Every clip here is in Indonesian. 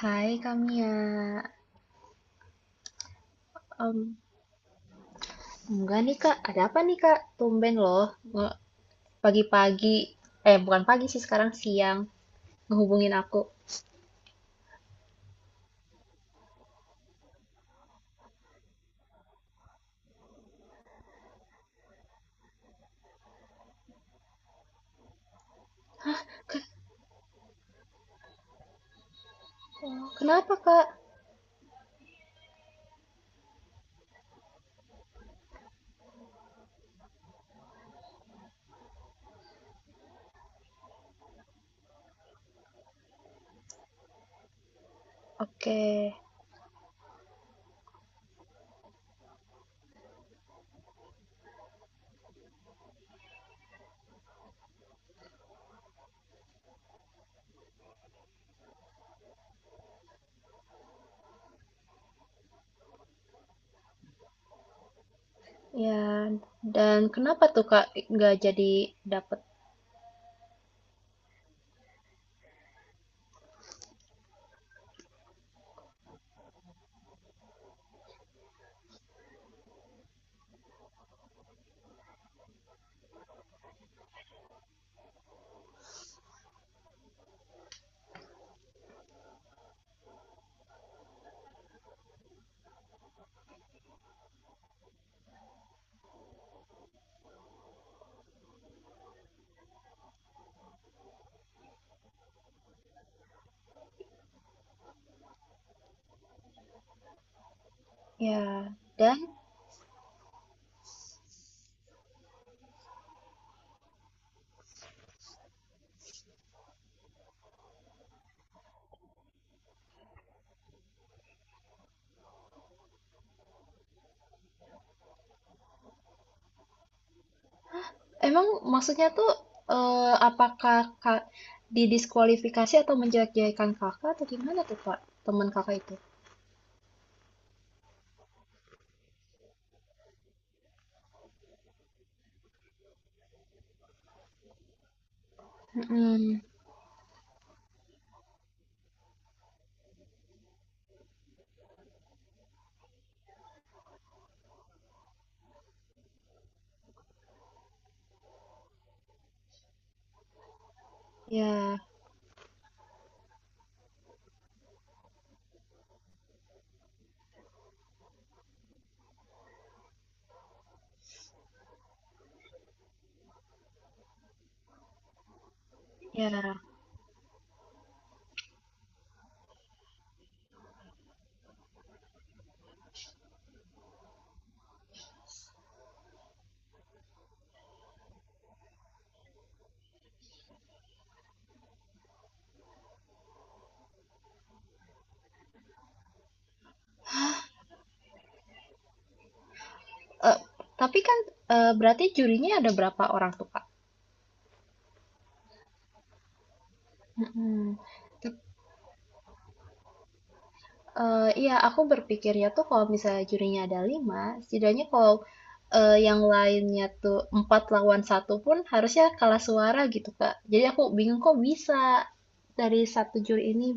Hai Kamia, Em, enggak nih Kak, ada apa nih Kak? Tumben loh, nge- pagi-pagi, eh bukan pagi sih sekarang siang, ngehubungin aku. Oh, kenapa Kak? Oke, ya, dan kenapa tuh Kak nggak jadi dapet? Ya, dan emang maksudnya tuh, eh, apakah Kak didiskualifikasi atau menjelek-jelekan Kakak atau gimana tuh Kak, teman Kakak itu? Mm-mm. Ya, ya. Eee, tapi kan, berarti jurinya ada berapa orang tuh, Kak? Mhm, tep iya, aku berpikirnya tuh kalau misalnya jurinya ada 5, setidaknya kalau, yang lainnya tuh 4 lawan satu pun harusnya kalah suara gitu, Kak. Jadi aku bingung kok bisa dari satu juri ini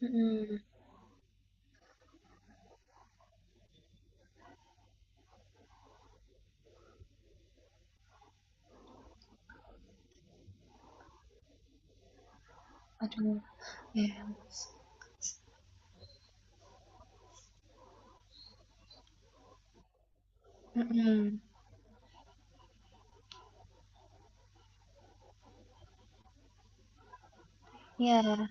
mhm. Aduh, ya. Mhm, iya.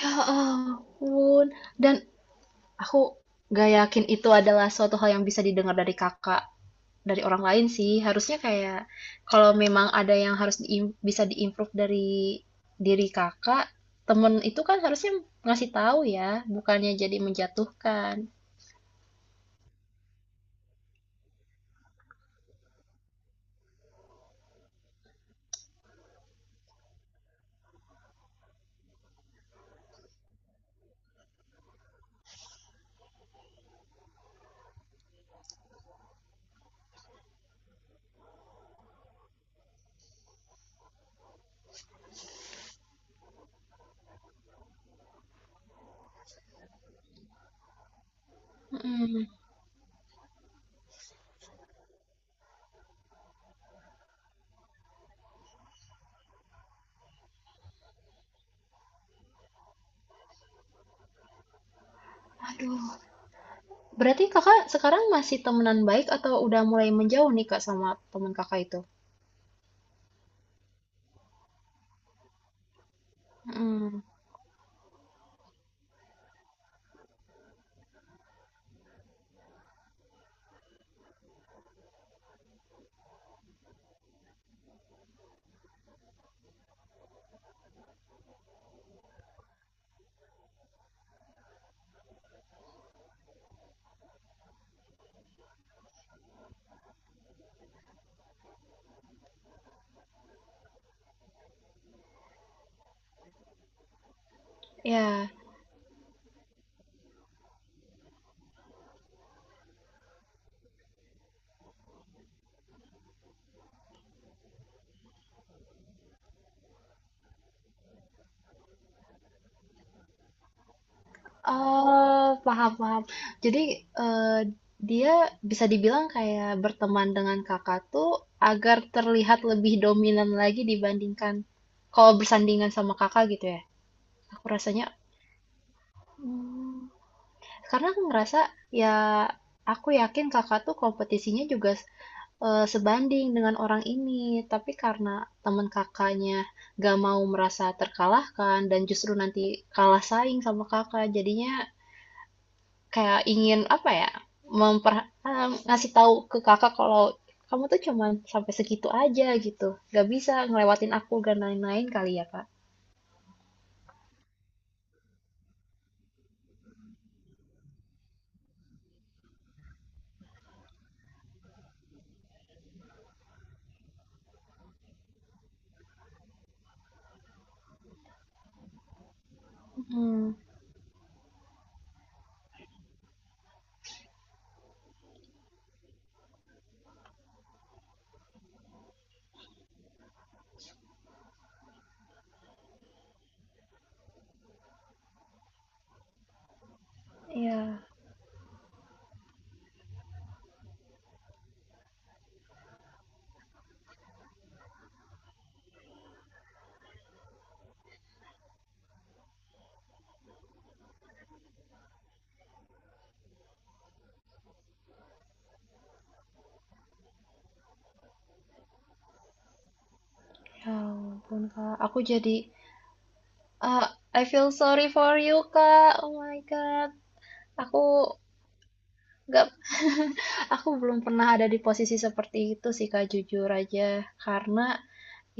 Ya ampun, dan aku gak yakin itu adalah suatu hal yang bisa didengar dari Kakak, dari orang lain sih. Harusnya kayak kalau memang ada yang harus bisa diimprove dari diri kakak, temen itu kan harusnya ngasih tahu ya, bukannya jadi menjatuhkan. Mm-mm. Aduh, berarti kakak sekarang masih temenan baik atau udah mulai menjauh nih kak sama temen kakak itu? Mm. Ya. Oh, paham, paham. Jadi, eh, dia bisa dibilang kayak berteman dengan kakak tuh agar terlihat lebih dominan lagi dibandingkan kalau bersandingan sama kakak gitu ya. Aku rasanya, hmm, karena aku ngerasa ya aku yakin kakak tuh kompetisinya juga eh, sebanding dengan orang ini, tapi karena teman kakaknya gak mau merasa terkalahkan dan justru nanti kalah saing sama kakak, jadinya kayak ingin apa ya memper ngasih tahu ke kakak kalau kamu tuh cuman sampai segitu aja gitu, nggak bisa ngelewatin aku dan lain-lain kali ya kak. Hmm, ya. Ya ampun kak, aku jadi ah, I feel sorry for you kak, oh my god. aku nggak aku belum pernah ada di posisi seperti itu sih kak jujur aja, karena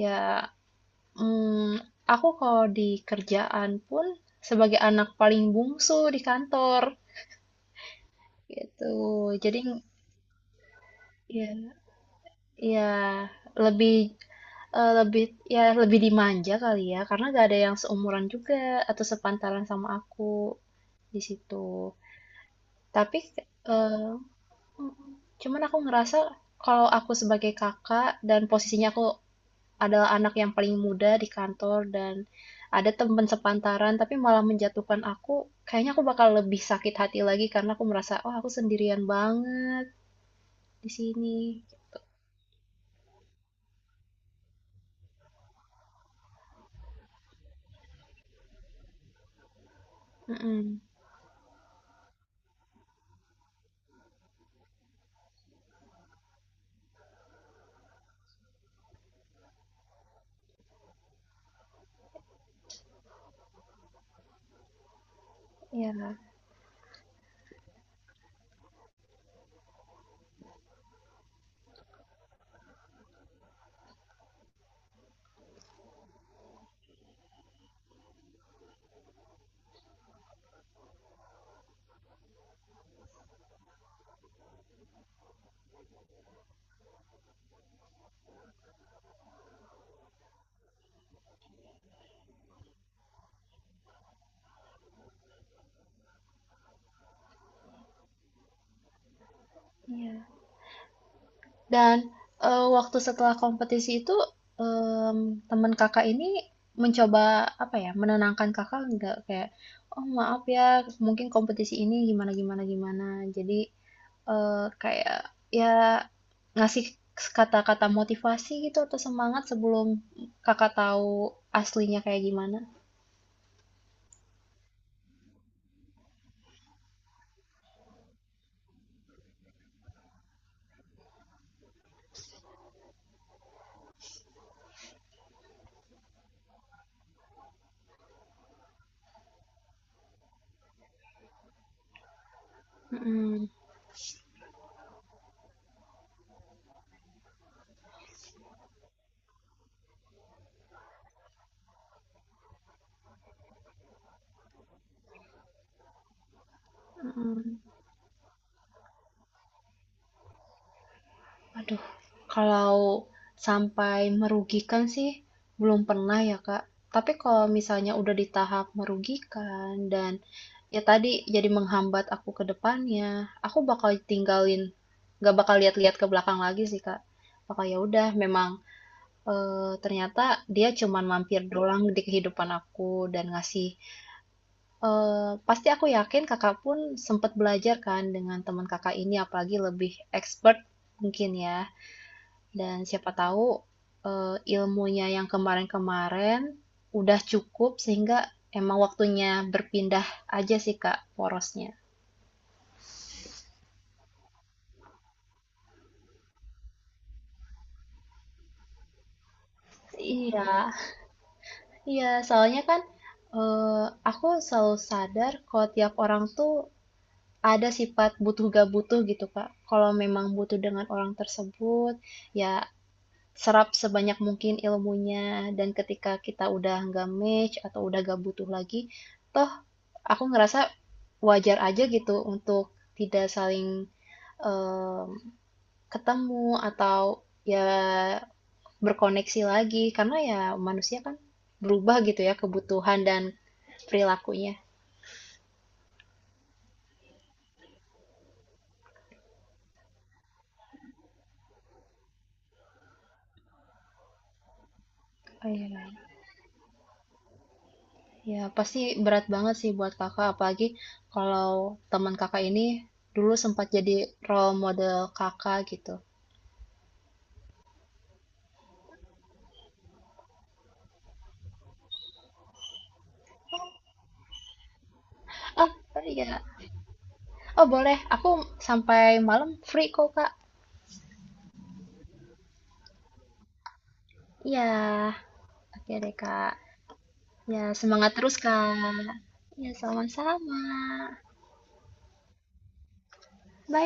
ya hmm, aku kalau di kerjaan pun sebagai anak paling bungsu di kantor gitu, jadi ya ya lebih eh, lebih ya lebih dimanja kali ya karena gak ada yang seumuran juga atau sepantaran sama aku di situ. Tapi eh, cuman aku ngerasa kalau aku sebagai kakak dan posisinya aku adalah anak yang paling muda di kantor dan ada teman sepantaran tapi malah menjatuhkan aku, kayaknya aku bakal lebih sakit hati lagi karena aku merasa oh aku sendirian banget di sini. Mm, ya. Iya. Dan eh, waktu setelah kompetisi itu em, teman kakak ini mencoba apa ya menenangkan kakak nggak, kayak oh maaf ya mungkin kompetisi ini gimana gimana gimana, jadi eh, kayak ya ngasih kata-kata motivasi gitu atau semangat sebelum kakak tahu aslinya kayak gimana. Mm-mm. Mm-mm. Aduh, kalau sampai merugikan sih belum pernah ya, Kak. Tapi kalau misalnya udah di tahap merugikan dan ya tadi jadi menghambat aku ke depannya, aku bakal tinggalin, gak bakal lihat-lihat ke belakang lagi sih, Kak. Bakal ya udah, memang eh, ternyata dia cuman mampir doang di kehidupan aku dan ngasih. Eh, pasti aku yakin kakak pun sempat belajar kan dengan teman kakak ini, apalagi lebih expert mungkin ya. Dan siapa tahu eh, ilmunya yang kemarin-kemarin udah cukup sehingga emang waktunya berpindah aja sih Kak porosnya. Iya, iya soalnya kan eh, aku selalu sadar kalau tiap orang tuh ada sifat butuh gak butuh gitu Kak. Kalau memang butuh dengan orang tersebut, ya serap sebanyak mungkin ilmunya dan ketika kita udah nggak match atau udah gak butuh lagi, toh aku ngerasa wajar aja gitu untuk tidak saling em, ketemu atau ya berkoneksi lagi karena ya manusia kan berubah gitu ya kebutuhan dan perilakunya. Oh iya, ya pasti berat banget sih buat kakak apalagi kalau teman kakak ini dulu sempat jadi role model kakak gitu. Oh iya, oh boleh, aku sampai malam free kok kak. Iya, oke deh kak. Ya, semangat terus, Kak. Ya, sama-sama. Bye.